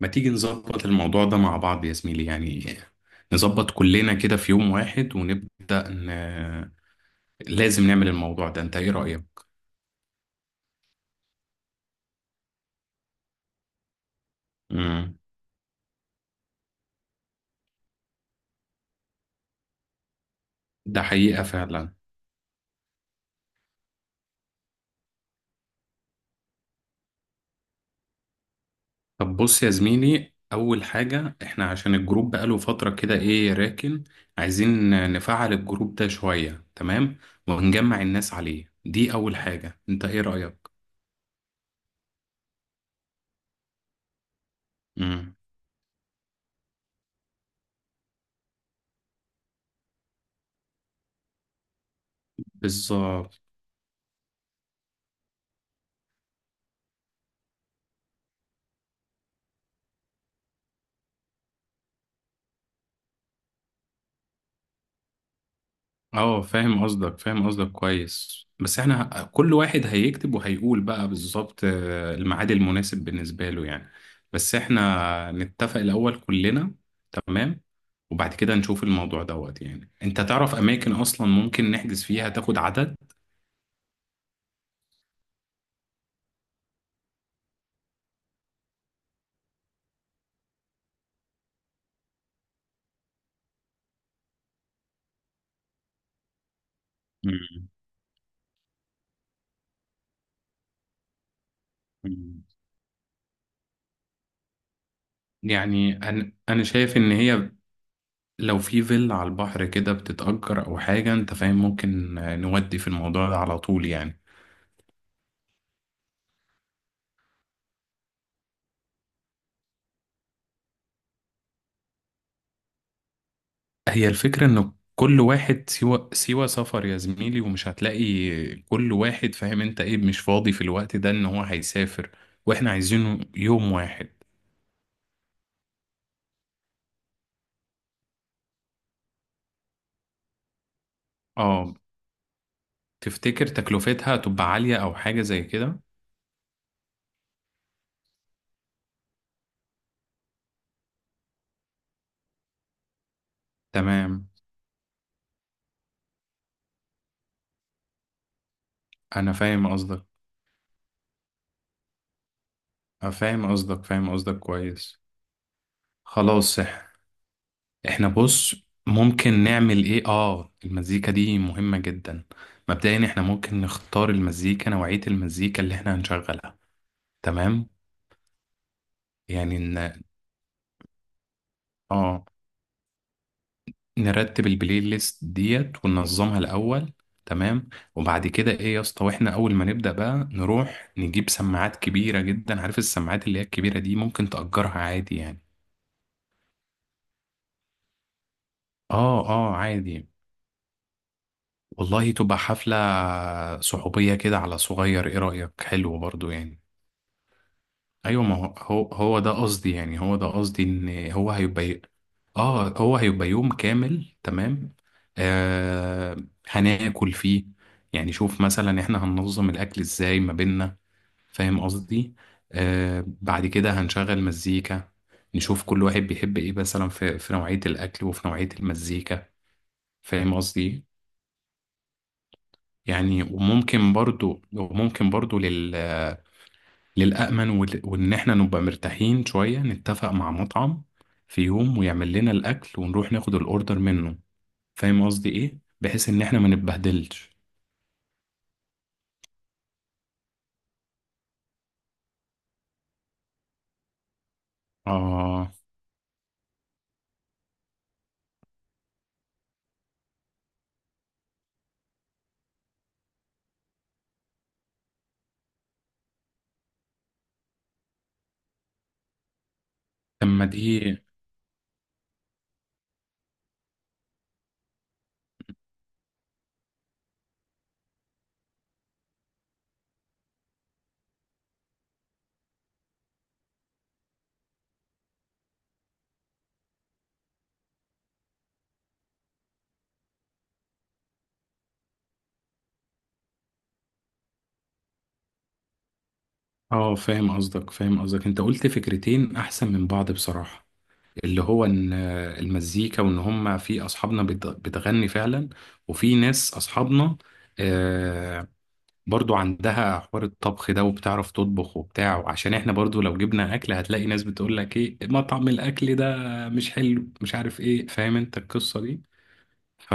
ما تيجي نظبط الموضوع ده مع بعض يا زميلي يعني، نظبط كلنا كده في يوم واحد ونبدأ لازم نعمل الموضوع ده، انت ايه رأيك؟ امم ده حقيقة فعلا. طب بص يا زميلي، أول حاجة احنا عشان الجروب بقاله فترة كده ايه راكن، عايزين نفعل الجروب ده شوية. تمام. ونجمع الناس عليه، دي أول حاجة، انت ايه رأيك؟ امم بالظبط. اه، فاهم قصدك فاهم قصدك كويس. بس احنا كل واحد هيكتب وهيقول بقى بالظبط، الميعاد المناسب بالنسبة له يعني. بس احنا نتفق الأول كلنا. تمام. وبعد كده نشوف الموضوع دوت، يعني انت تعرف أماكن أصلا ممكن نحجز فيها، تاخد عدد. مم. مم. يعني أنا شايف إن هي لو في فيلا على البحر كده بتتأجر أو حاجة، أنت فاهم، ممكن نودي في الموضوع ده على طول يعني. هي الفكرة ان كل واحد سوى سفر يا زميلي، ومش هتلاقي كل واحد فاهم انت ايه، مش فاضي في الوقت ده ان هو هيسافر، واحنا عايزينه يوم واحد. اه. تفتكر تكلفتها تبقى عالية او حاجة زي كده؟ تمام، انا فاهم قصدك. أنا فاهم قصدك فاهم قصدك كويس. خلاص احنا بص، ممكن نعمل ايه؟ اه، المزيكا دي مهمة جدا. مبدئيا احنا ممكن نختار المزيكا، نوعية المزيكا اللي احنا هنشغلها. تمام. يعني اه نرتب البلاي ليست ديت وننظمها الاول. تمام. وبعد كده ايه يا اسطى، واحنا اول ما نبدا بقى نروح نجيب سماعات كبيره جدا. عارف السماعات اللي هي الكبيره دي، ممكن تأجرها عادي يعني. اه اه عادي. والله تبقى حفله صحوبيه كده على صغير، ايه رأيك؟ حلو برضو يعني. ايوه، ما هو ده قصدي يعني، هو ده قصدي ان هو هيبقى. اه، هو هيبقى يوم كامل. تمام. آه. هناكل فيه. يعني شوف مثلا احنا هننظم الاكل ازاي ما بيننا، فاهم قصدي؟ بعد كده هنشغل مزيكا، نشوف كل واحد بيحب ايه مثلا في نوعية الاكل وفي نوعية المزيكا، فاهم قصدي؟ يعني وممكن برضو، وممكن برضو لل، للأمن، وإن إحنا نبقى مرتاحين شوية نتفق مع مطعم في يوم ويعمل لنا الأكل ونروح ناخد الأوردر منه، فاهم قصدي إيه؟ بحيث إن إحنا ما نتبهدلش. آه، أما دي. آه، فاهم قصدك فاهم قصدك. أنت قلت فكرتين أحسن من بعض بصراحة، اللي هو إن المزيكا، وإن هما في أصحابنا بتغني فعلا، وفي ناس أصحابنا آه، برضو عندها حوار الطبخ ده وبتعرف تطبخ وبتاع، وعشان احنا برضو لو جبنا اكل هتلاقي ناس بتقول لك ايه، مطعم الاكل ده مش حلو، مش عارف ايه، فاهم انت القصة دي. ف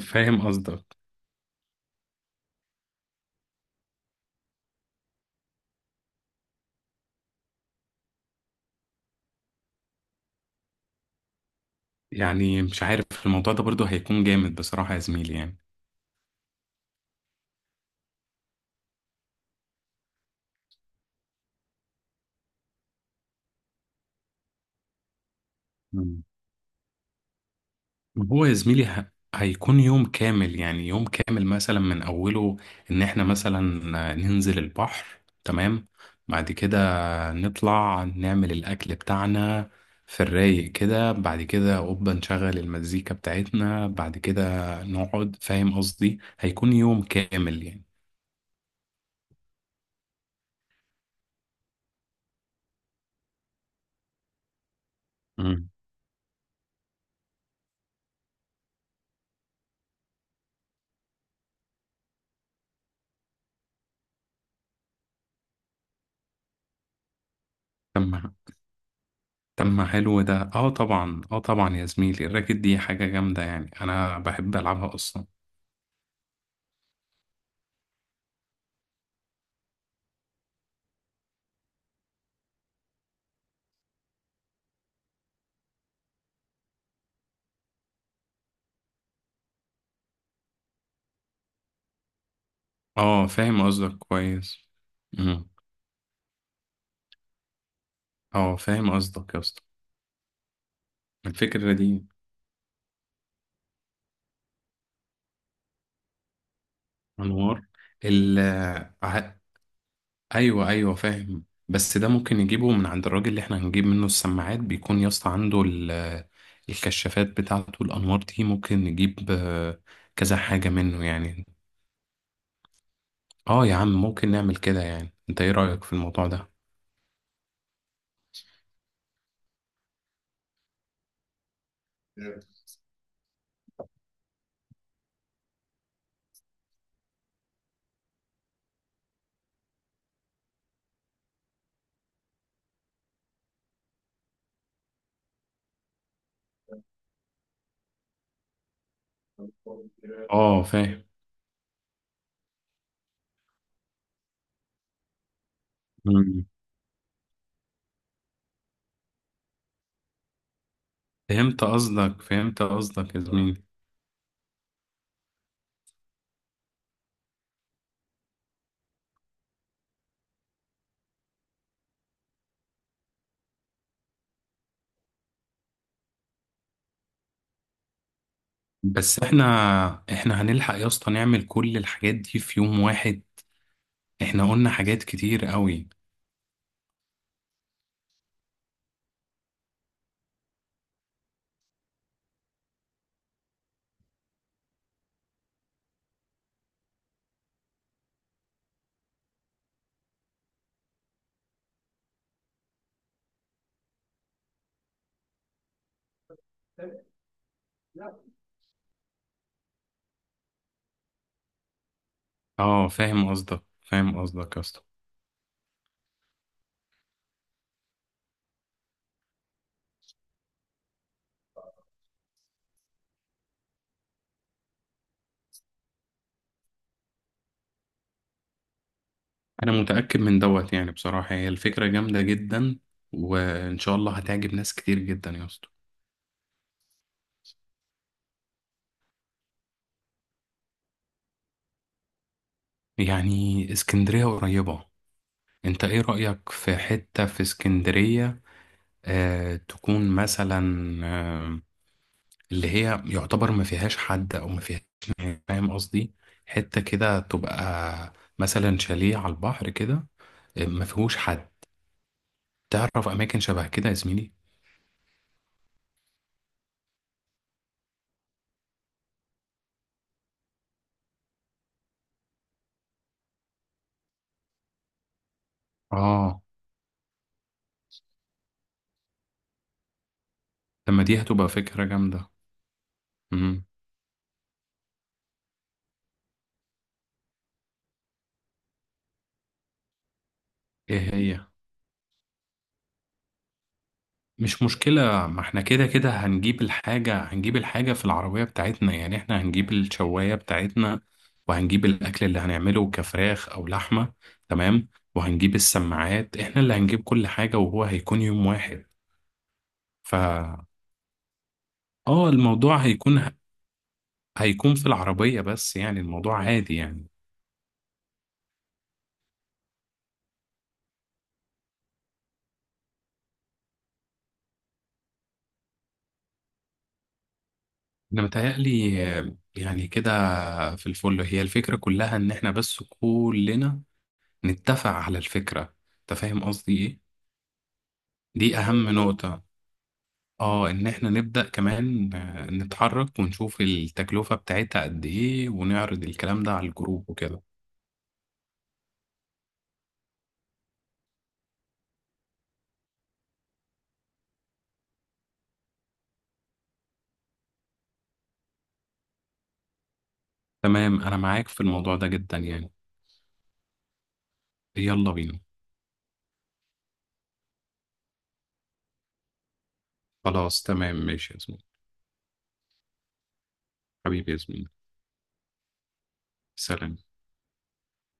فاهم قصدك. يعني مش عارف الموضوع ده برضو هيكون جامد بصراحة يا زميلي يعني. مم. هو يا زميلي هيكون يوم كامل، يعني يوم كامل مثلا من أوله، إن إحنا مثلا ننزل البحر. تمام. بعد كده نطلع نعمل الأكل بتاعنا في الرايق كده. بعد كده أوبا نشغل المزيكا بتاعتنا. بعد كده نقعد. فاهم قصدي؟ هيكون يوم كامل يعني. مم. تم. تم، حلو ده. اه طبعا، اه طبعا يا زميلي، الراكت دي حاجة جامدة يعني، أنا بحب ألعبها أصلا. اه، فاهم قصدك كويس. مم. اه، فاهم قصدك يا اسطى، الفكرة دي. أنوار. ال ايوه ايوه فاهم. بس ده ممكن نجيبه من عند الراجل اللي احنا هنجيب منه السماعات. بيكون يا اسطى عنده الكشافات بتاعته، الانوار دي ممكن نجيب كذا حاجة منه يعني. اه يا عم، ممكن نعمل كده يعني، انت ايه رأيك في الموضوع ده؟ اه فاهم. مم. فهمت قصدك فهمت قصدك يا زميلي. بس احنا هنلحق يا اسطى نعمل كل الحاجات دي في يوم واحد؟ احنا قلنا حاجات كتير قوي. اه، فاهم قصدك فاهم قصدك يا اسطى. انا متأكد من دوت يعني بصراحة، هي الفكرة جامدة جدا، وان شاء الله هتعجب ناس كتير جدا يا اسطى. يعني اسكندرية قريبة، انت ايه رأيك في حتة في اسكندرية؟ آه، تكون مثلا آه اللي هي يعتبر ما فيهاش حد او ما فيهاش ناس، فاهم قصدي؟ حتة كده تبقى مثلا شاليه على البحر كده، ما فيهوش حد. تعرف اماكن شبه كده يا زميلي؟ اه، لما دي هتبقى فكرة جامدة. امم ايه هي؟ مش مشكلة، ما احنا كده كده هنجيب الحاجة، هنجيب الحاجة في العربية بتاعتنا يعني. احنا هنجيب الشواية بتاعتنا وهنجيب الأكل اللي هنعمله كفراخ أو لحمة. تمام. وهنجيب السماعات، احنا اللي هنجيب كل حاجة، وهو هيكون يوم واحد. فا اه، الموضوع هيكون في العربية بس يعني. الموضوع عادي يعني. انا متهيألي يعني كده في الفل. هي الفكرة كلها ان احنا بس كلنا نتفق على الفكرة، انت فاهم قصدي ايه؟ دي أهم نقطة. اه ان احنا نبدأ كمان نتحرك ونشوف التكلفة بتاعتها قد ايه ونعرض الكلام ده على الجروب وكده. تمام، انا معاك في الموضوع ده جدا يعني. يلا بينا. خلاص تمام ماشي يا زميلي. حبيبي يا زميلي. سلام.